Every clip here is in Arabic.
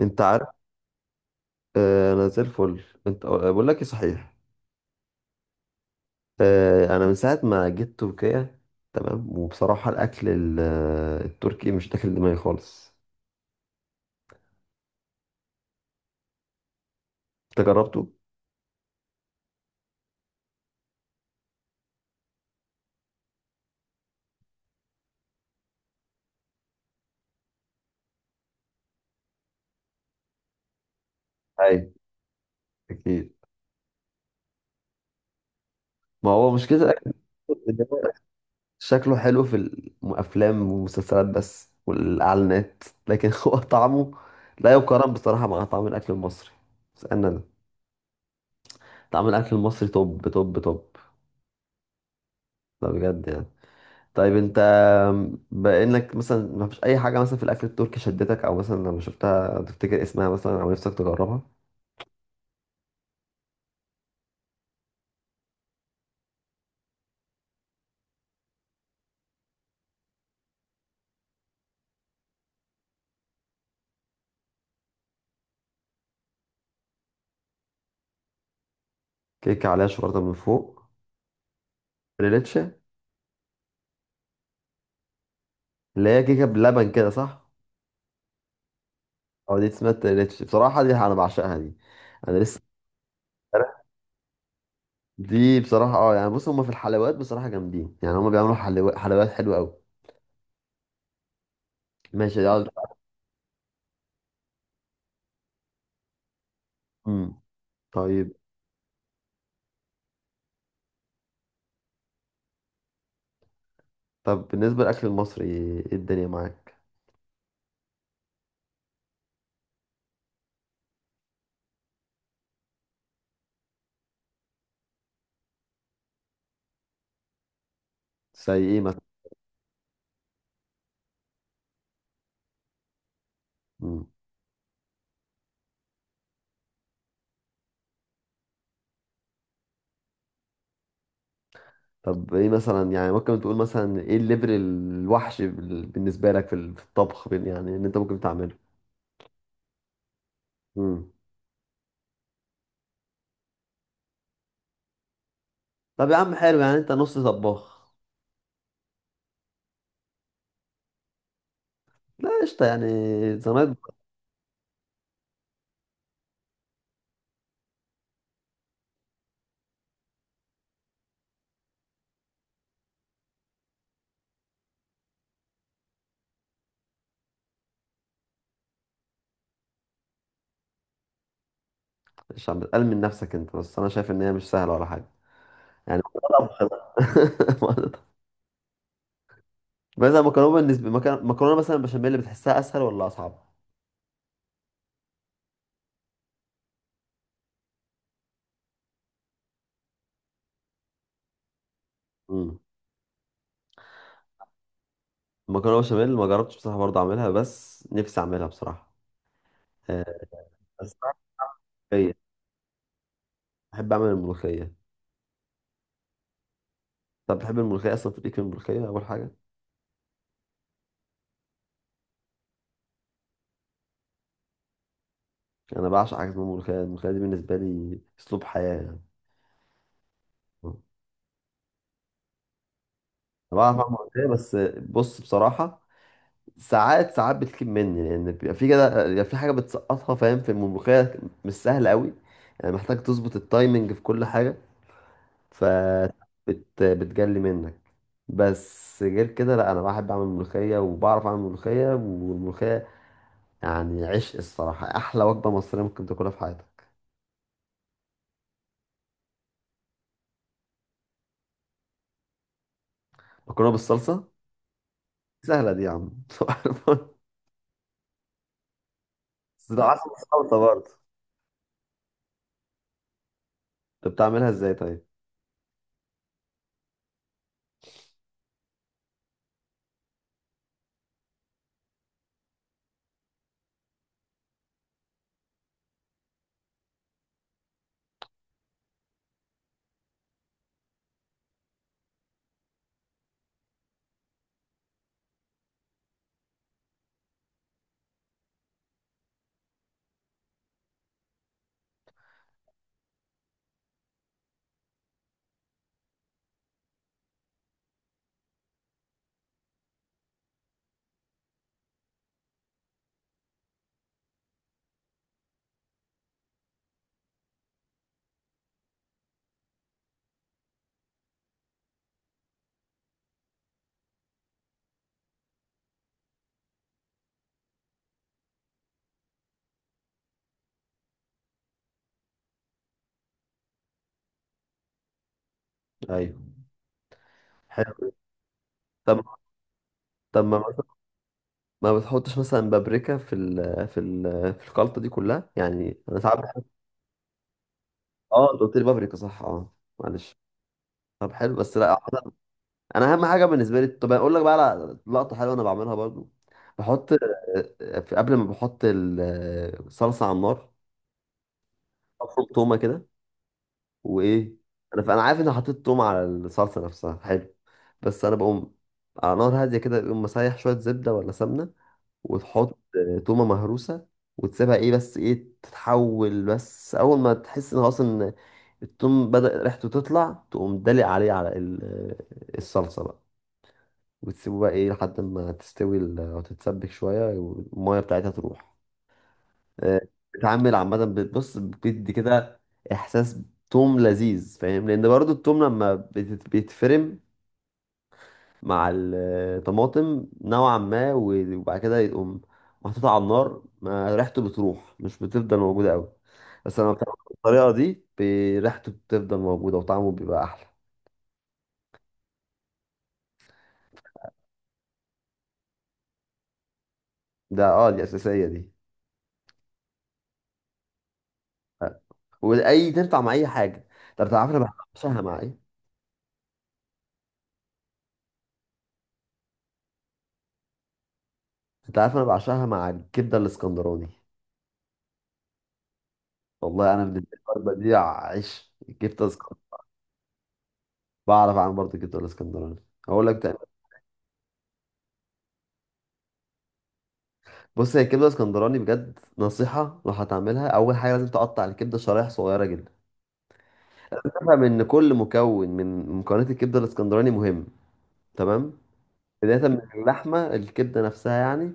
انت عارف؟ انا زي الفل. انت بقول لك ايه صحيح. انا من ساعه ما جيت تركيا تمام، وبصراحه الاكل التركي مش داخل دماغي خالص. انت جربته؟ اي. اكيد. ما هو مشكله الاكل إن هو شكله حلو في الافلام والمسلسلات بس والاعلانات، لكن هو طعمه لا يقارن بصراحه مع طعم الاكل المصري. بس انا ده طعم الاكل المصري توب توب توب، ده بجد يعني. طيب انت بانك مثلا ما فيش اي حاجه مثلا في الاكل التركي شدتك، او مثلا لما شفتها تفتكر اسمها مثلا، او نفسك تجربها؟ كيكه عليها شوكولاته من فوق. ريليتشه. اللي هي كيكه بلبن كده، صح؟ او دي اسمها ريليتشه، بصراحه دي انا بعشقها دي. انا لسه امبارح-. دي بصراحه اه يعني، بص هما في الحلويات بصراحه جامدين، يعني هما بيعملوا حلو... حلويات حلوه قوي. ماشي ده. امم. طيب. طب بالنسبه للاكل المصري ايه الدنيا معاك؟ زي ايه؟ مثلا. طب ايه مثلا، يعني ممكن تقول مثلا ايه الليفل الوحش بالنسبه لك في الطبخ، يعني ان انت ممكن تعمله؟ امم. طب يا عم حلو، يعني انت نص طباخ. لا قشطه يعني، زمان. مش عم بتقل من نفسك انت، بس انا شايف ان هي مش سهله ولا حاجه، يعني طبخ بقى. مثلا مكرونه، بالنسبه مكرونة مثلا بشاميل، بتحسها اسهل ولا اصعب؟ امم. مكرونه بشاميل ما جربتش بصراحه برضه اعملها، بس نفسي اعملها بصراحه. آه، بس بعرف كيف. بحب اعمل الملوخيه. طب بتحب الملوخيه اصلا؟ في ليك في الملوخيه اول حاجه؟ انا بعشق حاجه اسمها ملوخيه، الملوخيه دي بالنسبه لي اسلوب حياه يعني. انا بعرف اعمل ملوخيه، بس بص بصراحه ساعات ساعات بتكيب مني، لان بيبقى في كده بيبقى في حاجه بتسقطها فاهم في الملوخيه. مش سهل قوي، يعني محتاج تظبط التايمنج في كل حاجه. ف بتجلي منك. بس غير كده لا، انا بحب اعمل ملوخيه وبعرف اعمل ملوخيه، والملوخيه يعني عشق الصراحه، احلى وجبه مصريه ممكن تاكلها في حياتك. مكرونه بالصلصه؟ سهله دي يا عم. بس ده عسل وسلطة برضه. انت بتعملها ازاي طيب؟ ايوه حلو. طب طب ما بتحطش مثلا بابريكا في الخلطة دي كلها، يعني انا ساعات بحط. اه انت قلت لي بابريكا، صح، اه معلش. طب حلو بس، لا عامة انا اهم حاجة بالنسبة لي. طب اقول لك بقى على لقطة حلوة انا بعملها برضه. بحط في قبل ما بحط الصلصة على النار بفرم تومة كده. وايه، فانا عارف اني حطيت توم على الصلصه نفسها، حلو. بس انا بقوم على نار هاديه كده، بقوم مسيح شويه زبده ولا سمنه، وتحط تومه مهروسه، وتسيبها ايه بس ايه تتحول. بس اول ما تحس ان خلاص، ان التوم بدأ ريحته تطلع، تقوم دلق عليه على الصلصه بقى. وتسيبه بقى ايه لحد ما تستوي وتتسبك شويه والميه بتاعتها تروح. آه، بتعمل عامة، بتبص بتدي كده إحساس توم لذيذ فاهم، لأن برضو التوم لما بيتفرم مع الطماطم نوعا ما وبعد كده يقوم محطوط على النار، ما ريحته بتروح مش بتفضل موجودة أوي. بس لما بتعمل بالطريقة دي ريحته بتفضل موجودة وطعمه بيبقى أحلى. ده اه دي أساسية دي، وأي تنفع مع أي حاجة. طب أنت عارف أنا بعشقها مع إيه؟ أنت عارف أنا بعشقها مع الكبدة الإسكندراني. والله انا بالنسبه لي الوجبه دي عيش، الكبده اسكندراني. بعرف اعمل برضه الكبده الاسكندراني. هقول لك بتعمل، بص هي الكبده الاسكندراني بجد نصيحه لو هتعملها اول حاجه لازم تقطع الكبده شرايح صغيره جدا. تفهم ان كل مكون من مكونات الكبده الاسكندراني مهم. تمام. بدايه من اللحمه، الكبده نفسها يعني،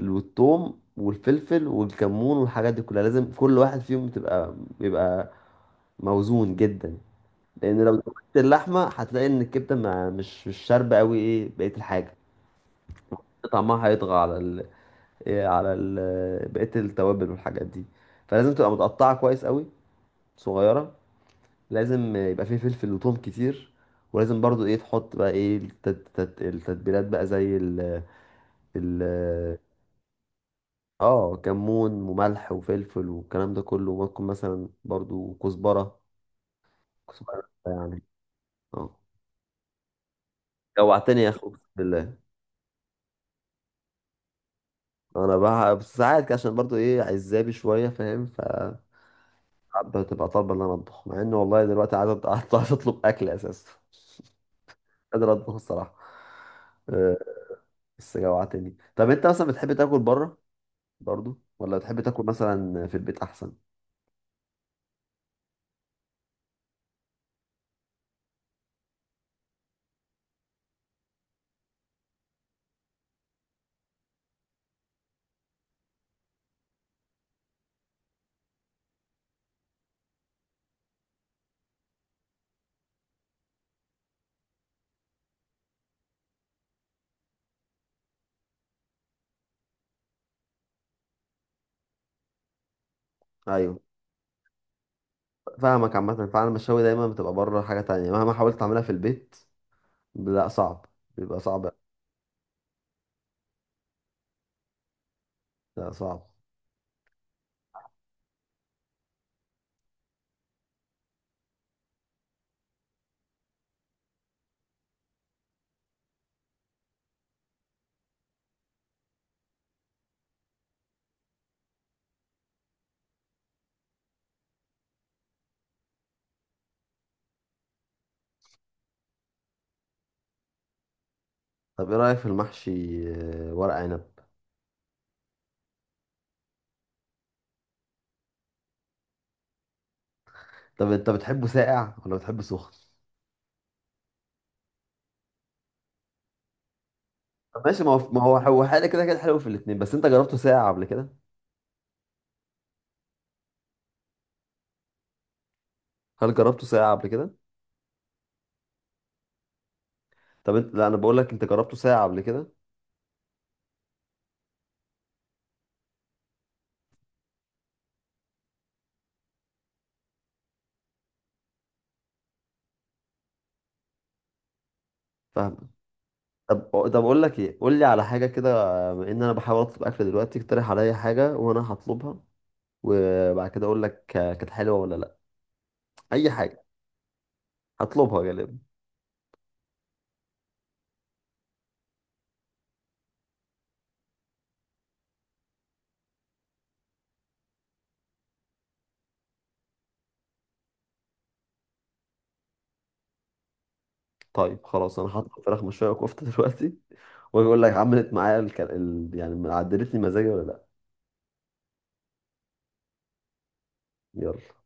والثوم والفلفل والكمون والحاجات دي كلها لازم كل واحد فيهم تبقى بيبقى موزون جدا. لان لو زودت اللحمه هتلاقي ان الكبده مش شاربه قوي ايه بقيه الحاجه. طعمها هيطغى على ال... إيه، على ال... بقية التوابل والحاجات دي. فلازم تبقى متقطعة كويس قوي، صغيرة. لازم يبقى فيه فلفل وثوم كتير. ولازم برضو ايه تحط بقى ايه التتبيلات بقى، زي ال ال اه كمون وملح وفلفل والكلام ده كله، وممكن مثلا برضو كزبرة. كزبرة يعني. اه. جوعتني يا اخو اقسم بالله. انا بقى ساعات كده، عشان برضو ايه عزابي شوية فاهم، بتبقى طالبه ان انا اطبخ، مع ان والله دلوقتي عايز عايز اطلب اكل اساسا، مش قادر اطبخ الصراحه. آه، بس جوعتني. طب انت مثلا بتحب تاكل بره برضو، ولا بتحب تاكل مثلا في البيت احسن؟ ايوه فاهمك، عامه فعلا المشاوي دايما بتبقى بره حاجه تانية، مهما حاولت تعملها في البيت لا صعب، بيبقى صعب. لا صعب. طب ايه رايك في المحشي، ورق عنب؟ طب انت بتحبه ساقع ولا بتحبه سخن؟ طب ماشي، ما هو هو حاجه كده كده حلو في الاتنين، بس انت جربته ساقع قبل كده؟ هل جربته ساقع قبل كده؟ طب انت، لا انا بقول لك، انت جربته ساعة قبل كده؟ فاهمك. طب. طب اقول لك ايه، قول لي على حاجة كده. بما ان انا بحاول اطلب اكل دلوقتي، اقترح عليا حاجة وانا هطلبها، وبعد كده اقول لك كانت حلوة ولا لا. اي حاجة. هطلبها غالبا. طيب خلاص، انا هطلب فراخ مشوية وكفتة دلوقتي. واجي اقول لك عملت معايا يعني عدلت لي مزاجي ولا لا. يلا.